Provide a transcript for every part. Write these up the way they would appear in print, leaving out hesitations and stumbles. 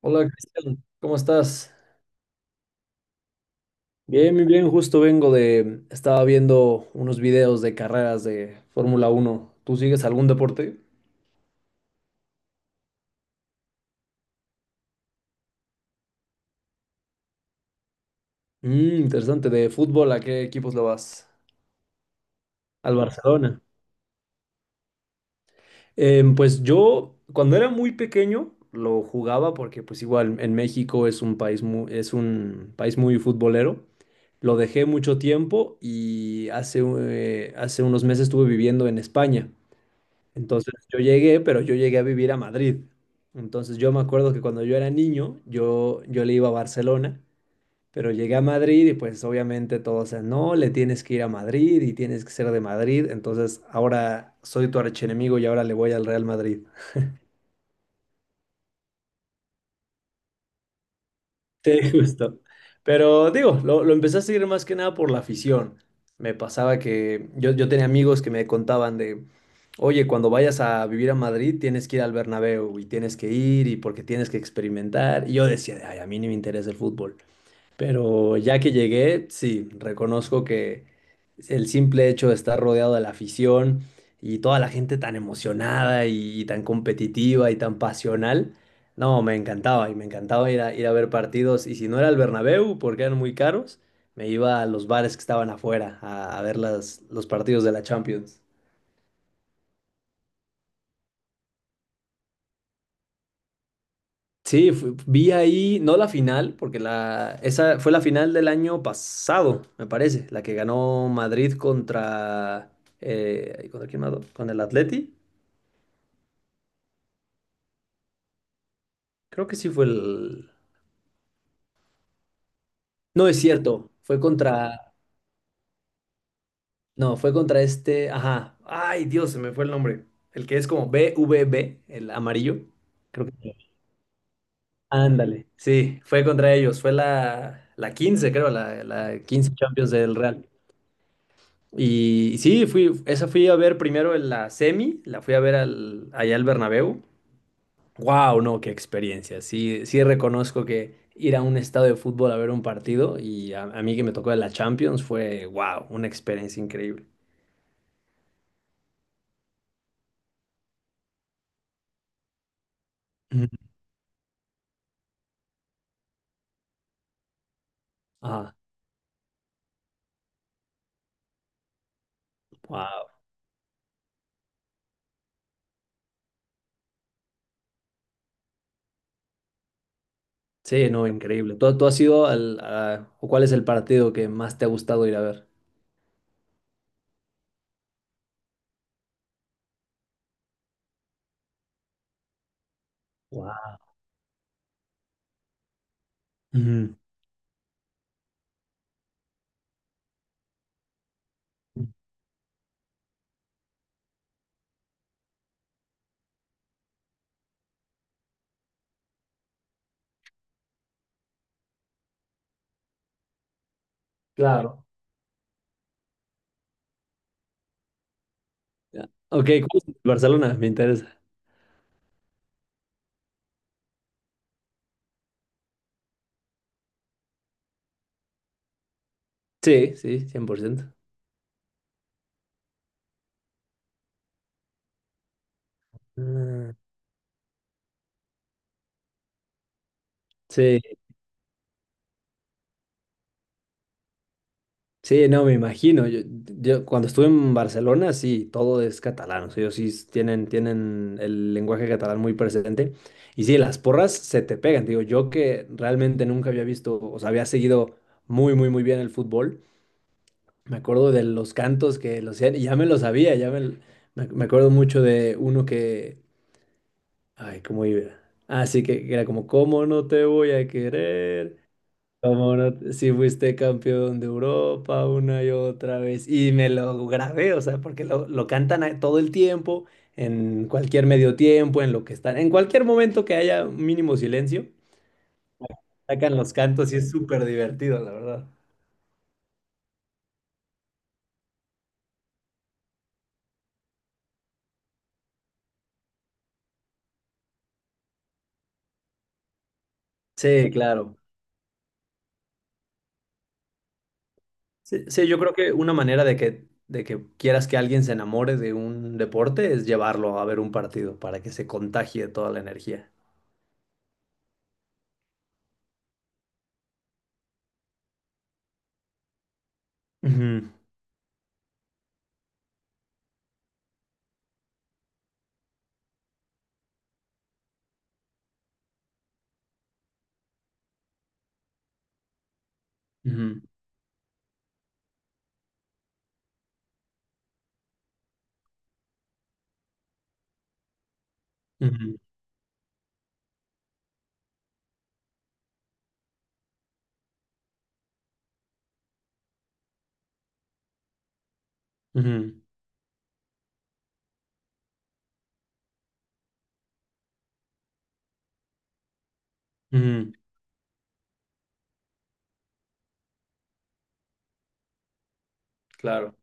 Hola Cristian, ¿cómo estás? Bien, muy bien, justo estaba viendo unos videos de carreras de Fórmula 1. ¿Tú sigues algún deporte? Interesante, de fútbol, ¿a qué equipos le vas? Al Barcelona. Pues yo, cuando era muy pequeño, lo jugaba porque pues igual en México es un país muy futbolero. Lo dejé mucho tiempo y hace unos meses estuve viviendo en España. Entonces yo llegué, pero yo llegué a vivir a Madrid. Entonces yo me acuerdo que cuando yo era niño, yo le iba a Barcelona, pero llegué a Madrid y pues obviamente todos, o sea, no, le tienes que ir a Madrid y tienes que ser de Madrid. Entonces ahora soy tu archienemigo y ahora le voy al Real Madrid. Sí, justo. Pero digo, lo empecé a seguir más que nada por la afición. Me pasaba que yo tenía amigos que me contaban de, oye, cuando vayas a vivir a Madrid tienes que ir al Bernabéu y tienes que ir y porque tienes que experimentar. Y yo decía, ay, a mí ni me interesa el fútbol. Pero ya que llegué, sí, reconozco que el simple hecho de estar rodeado de la afición y toda la gente tan emocionada y, tan competitiva y tan pasional, no, me encantaba y me encantaba ir a ver partidos. Y si no era el Bernabéu, porque eran muy caros, me iba a los bares que estaban afuera a ver las, los partidos de la Champions. Sí, vi ahí, no la final, porque la, esa fue la final del año pasado, me parece, la que ganó Madrid contra, ¿contra quién más? ¿Con el Atleti? Creo que sí fue el... No, es cierto, fue contra... No, fue contra este... Ajá. Ay, Dios, se me fue el nombre. El que es como BVB, el amarillo. Creo que... Ándale. Sí, fue contra ellos, fue la 15, creo, la 15 Champions del Real. Y sí, fui, esa fui a ver primero en la semi, la fui a ver al, allá al Bernabéu. ¡Wow! No, qué experiencia. Sí, sí reconozco que ir a un estadio de fútbol a ver un partido y a mí que me tocó de la Champions fue, wow, una experiencia increíble. Ujú. Ah, wow. Sí, no, increíble. ¿Tú has ido o cuál es el partido que más te ha gustado ir a ver? Wow. Ujú. Claro. Ya. Ok, ¿cuál es el de Barcelona? Me interesa. Sí, sí, 100%. Ah, sí, sí, no, me imagino. Yo cuando estuve en Barcelona, sí, todo es catalán. O sea, ellos sí tienen el lenguaje catalán muy presente. Y sí, las porras se te pegan. Digo, yo que realmente nunca había visto, o sea, había seguido muy, muy, muy bien el fútbol. Me acuerdo de los cantos que los hacían, y ya me lo sabía, ya me, l- me, ac- me acuerdo mucho de uno que, ay, ¿cómo iba? Ah, sí, que era como, ¿cómo no te voy a querer? Como no, si fuiste campeón de Europa una y otra vez. Y me lo grabé, o sea, porque lo cantan todo el tiempo, en cualquier medio tiempo, en lo que están, en cualquier momento que haya un mínimo silencio, sacan los cantos y es súper divertido, la verdad. Sí, claro. Sí, sí, yo creo que una manera de que quieras que alguien se enamore de un deporte es llevarlo a ver un partido para que se contagie toda la energía. Ujú, ujú, ujú, ujú, ujú. Claro.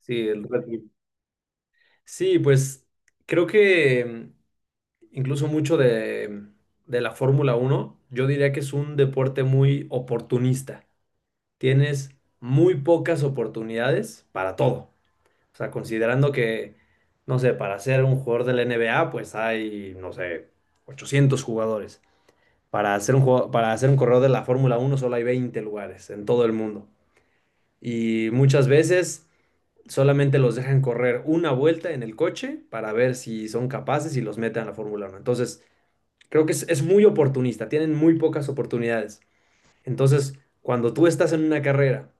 Sí, el Red Bull. Sí, pues creo que incluso mucho de la Fórmula 1, yo diría que es un deporte muy oportunista. Tienes muy pocas oportunidades para todo. O sea, considerando que, no sé, para ser un jugador de la NBA, pues hay, no sé, 800 jugadores. Para ser un, jugador- para ser un corredor de la Fórmula 1 solo hay 20 lugares en todo el mundo. Y muchas veces solamente los dejan correr una vuelta en el coche para ver si son capaces y los meten a la Fórmula 1. Entonces, creo que es muy oportunista, tienen muy pocas oportunidades. Entonces, cuando tú estás en una carrera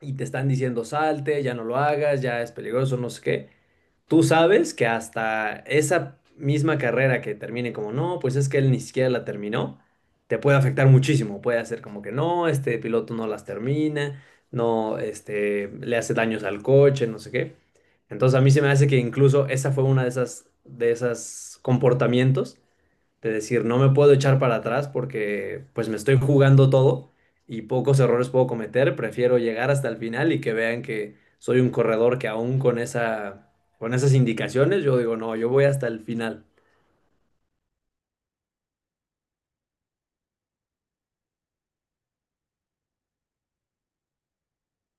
y te están diciendo salte, ya no lo hagas, ya es peligroso, no sé qué, tú sabes que hasta esa misma carrera que termine como no, pues es que él ni siquiera la terminó, te puede afectar muchísimo. Puede hacer como que no, este piloto no las termina, no, este, le hace daños al coche, no sé qué. Entonces a mí se me hace que incluso esa fue una de esas comportamientos de decir, no me puedo echar para atrás porque pues me estoy jugando todo y pocos errores puedo cometer, prefiero llegar hasta el final y que vean que soy un corredor que aún con esa, con esas indicaciones, yo digo, no, yo voy hasta el final.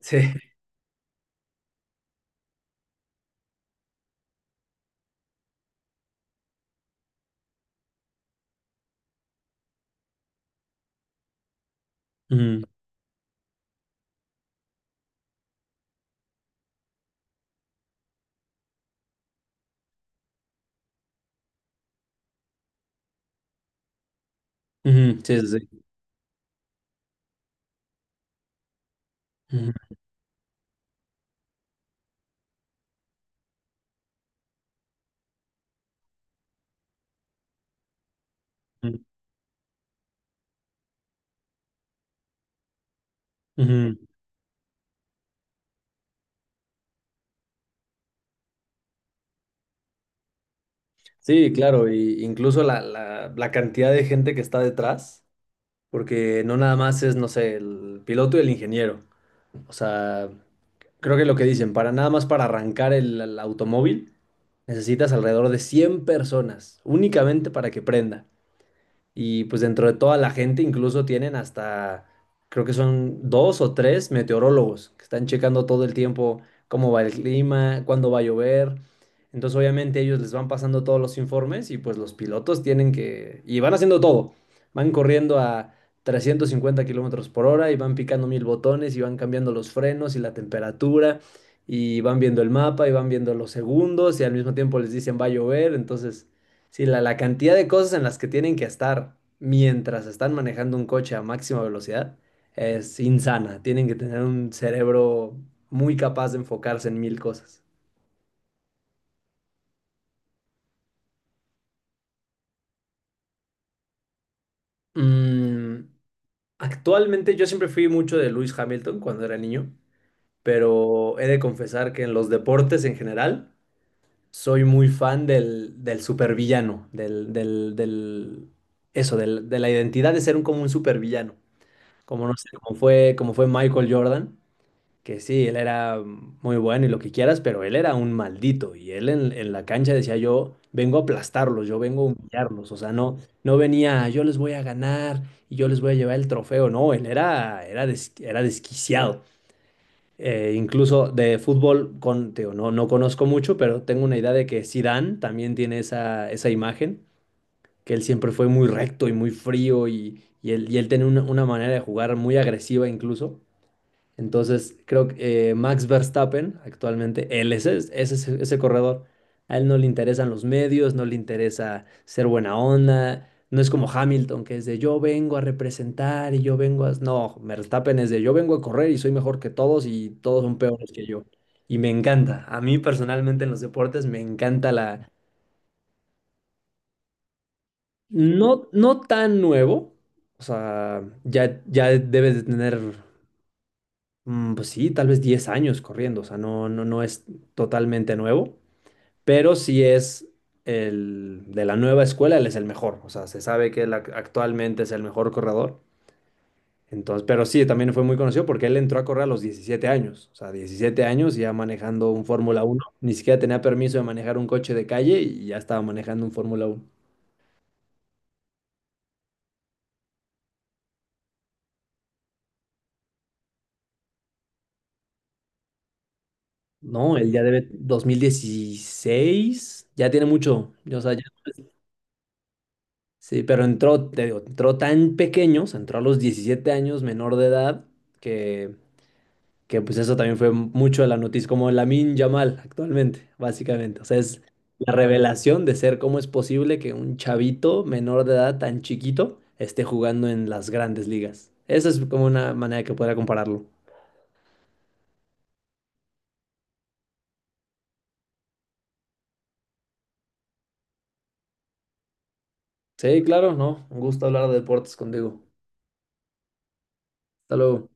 Sí. Ujú, ujú, sí, sí, sí. Ujú, ujú, ujú. Sí, claro, y incluso la cantidad de gente que está detrás, porque no nada más es, no sé, el piloto y el ingeniero. O sea, creo que lo que dicen, para nada más para arrancar el automóvil, necesitas alrededor de 100 personas, únicamente para que prenda. Y pues dentro de toda la gente incluso tienen hasta, creo que son 2 o 3 meteorólogos que están checando todo el tiempo cómo va el clima, cuándo va a llover. Entonces obviamente ellos les van pasando todos los informes y pues los pilotos tienen que, y van haciendo todo. Van corriendo a 350 kilómetros por hora y van picando mil botones y van cambiando los frenos y la temperatura y van viendo el mapa y van viendo los segundos y al mismo tiempo les dicen va a llover. Entonces... Sí, la cantidad de cosas en las que tienen que estar mientras están manejando un coche a máxima velocidad es insana. Tienen que tener un cerebro muy capaz de enfocarse en mil cosas. Mm, Actualmente yo siempre fui mucho de Lewis Hamilton cuando era niño, pero he de confesar que en los deportes en general soy muy fan del supervillano, de la identidad de ser como un supervillano. Como no sé, como fue Michael Jordan, que sí, él era muy bueno y lo que quieras, pero él era un maldito y él en la cancha decía yo vengo a aplastarlos, yo vengo a humillarlos, o sea, no, no venía yo les voy a ganar y yo les voy a llevar el trofeo, no, él era desquiciado. Incluso de fútbol, te digo, no, no conozco mucho, pero tengo una idea de que Zidane también tiene esa imagen, que él siempre fue muy recto y muy frío y él tiene una manera de jugar muy agresiva incluso. Entonces, creo que Max Verstappen, actualmente, él es ese corredor. A él no le interesan los medios, no le interesa ser buena onda. No es como Hamilton, que es de yo vengo a representar y yo vengo a... No, Verstappen es de yo vengo a correr y soy mejor que todos y todos son peores que yo. Y me encanta. A mí personalmente en los deportes me encanta la... No, no tan nuevo. O sea, ya, ya debes de tener. Pues sí, tal vez 10 años corriendo, o sea, no, no, no es totalmente nuevo, pero sí es el de la nueva escuela, él es el mejor, o sea, se sabe que él actualmente es el mejor corredor, entonces, pero sí, también fue muy conocido porque él entró a correr a los 17 años, o sea, 17 años ya manejando un Fórmula 1, ni siquiera tenía permiso de manejar un coche de calle y ya estaba manejando un Fórmula 1. No, él ya debe 2016 ya tiene mucho, o sea, ya sí, pero entró, te digo, entró tan pequeño, o sea, entró a los 17 años, menor de edad, que, que pues eso también fue mucho de la noticia, como Lamine Yamal actualmente, básicamente. O sea, es la revelación de ser cómo es posible que un chavito menor de edad tan chiquito esté jugando en las grandes ligas. Esa es como una manera que podría compararlo. Sí, claro, no, un gusto hablar de deportes contigo. Hasta luego.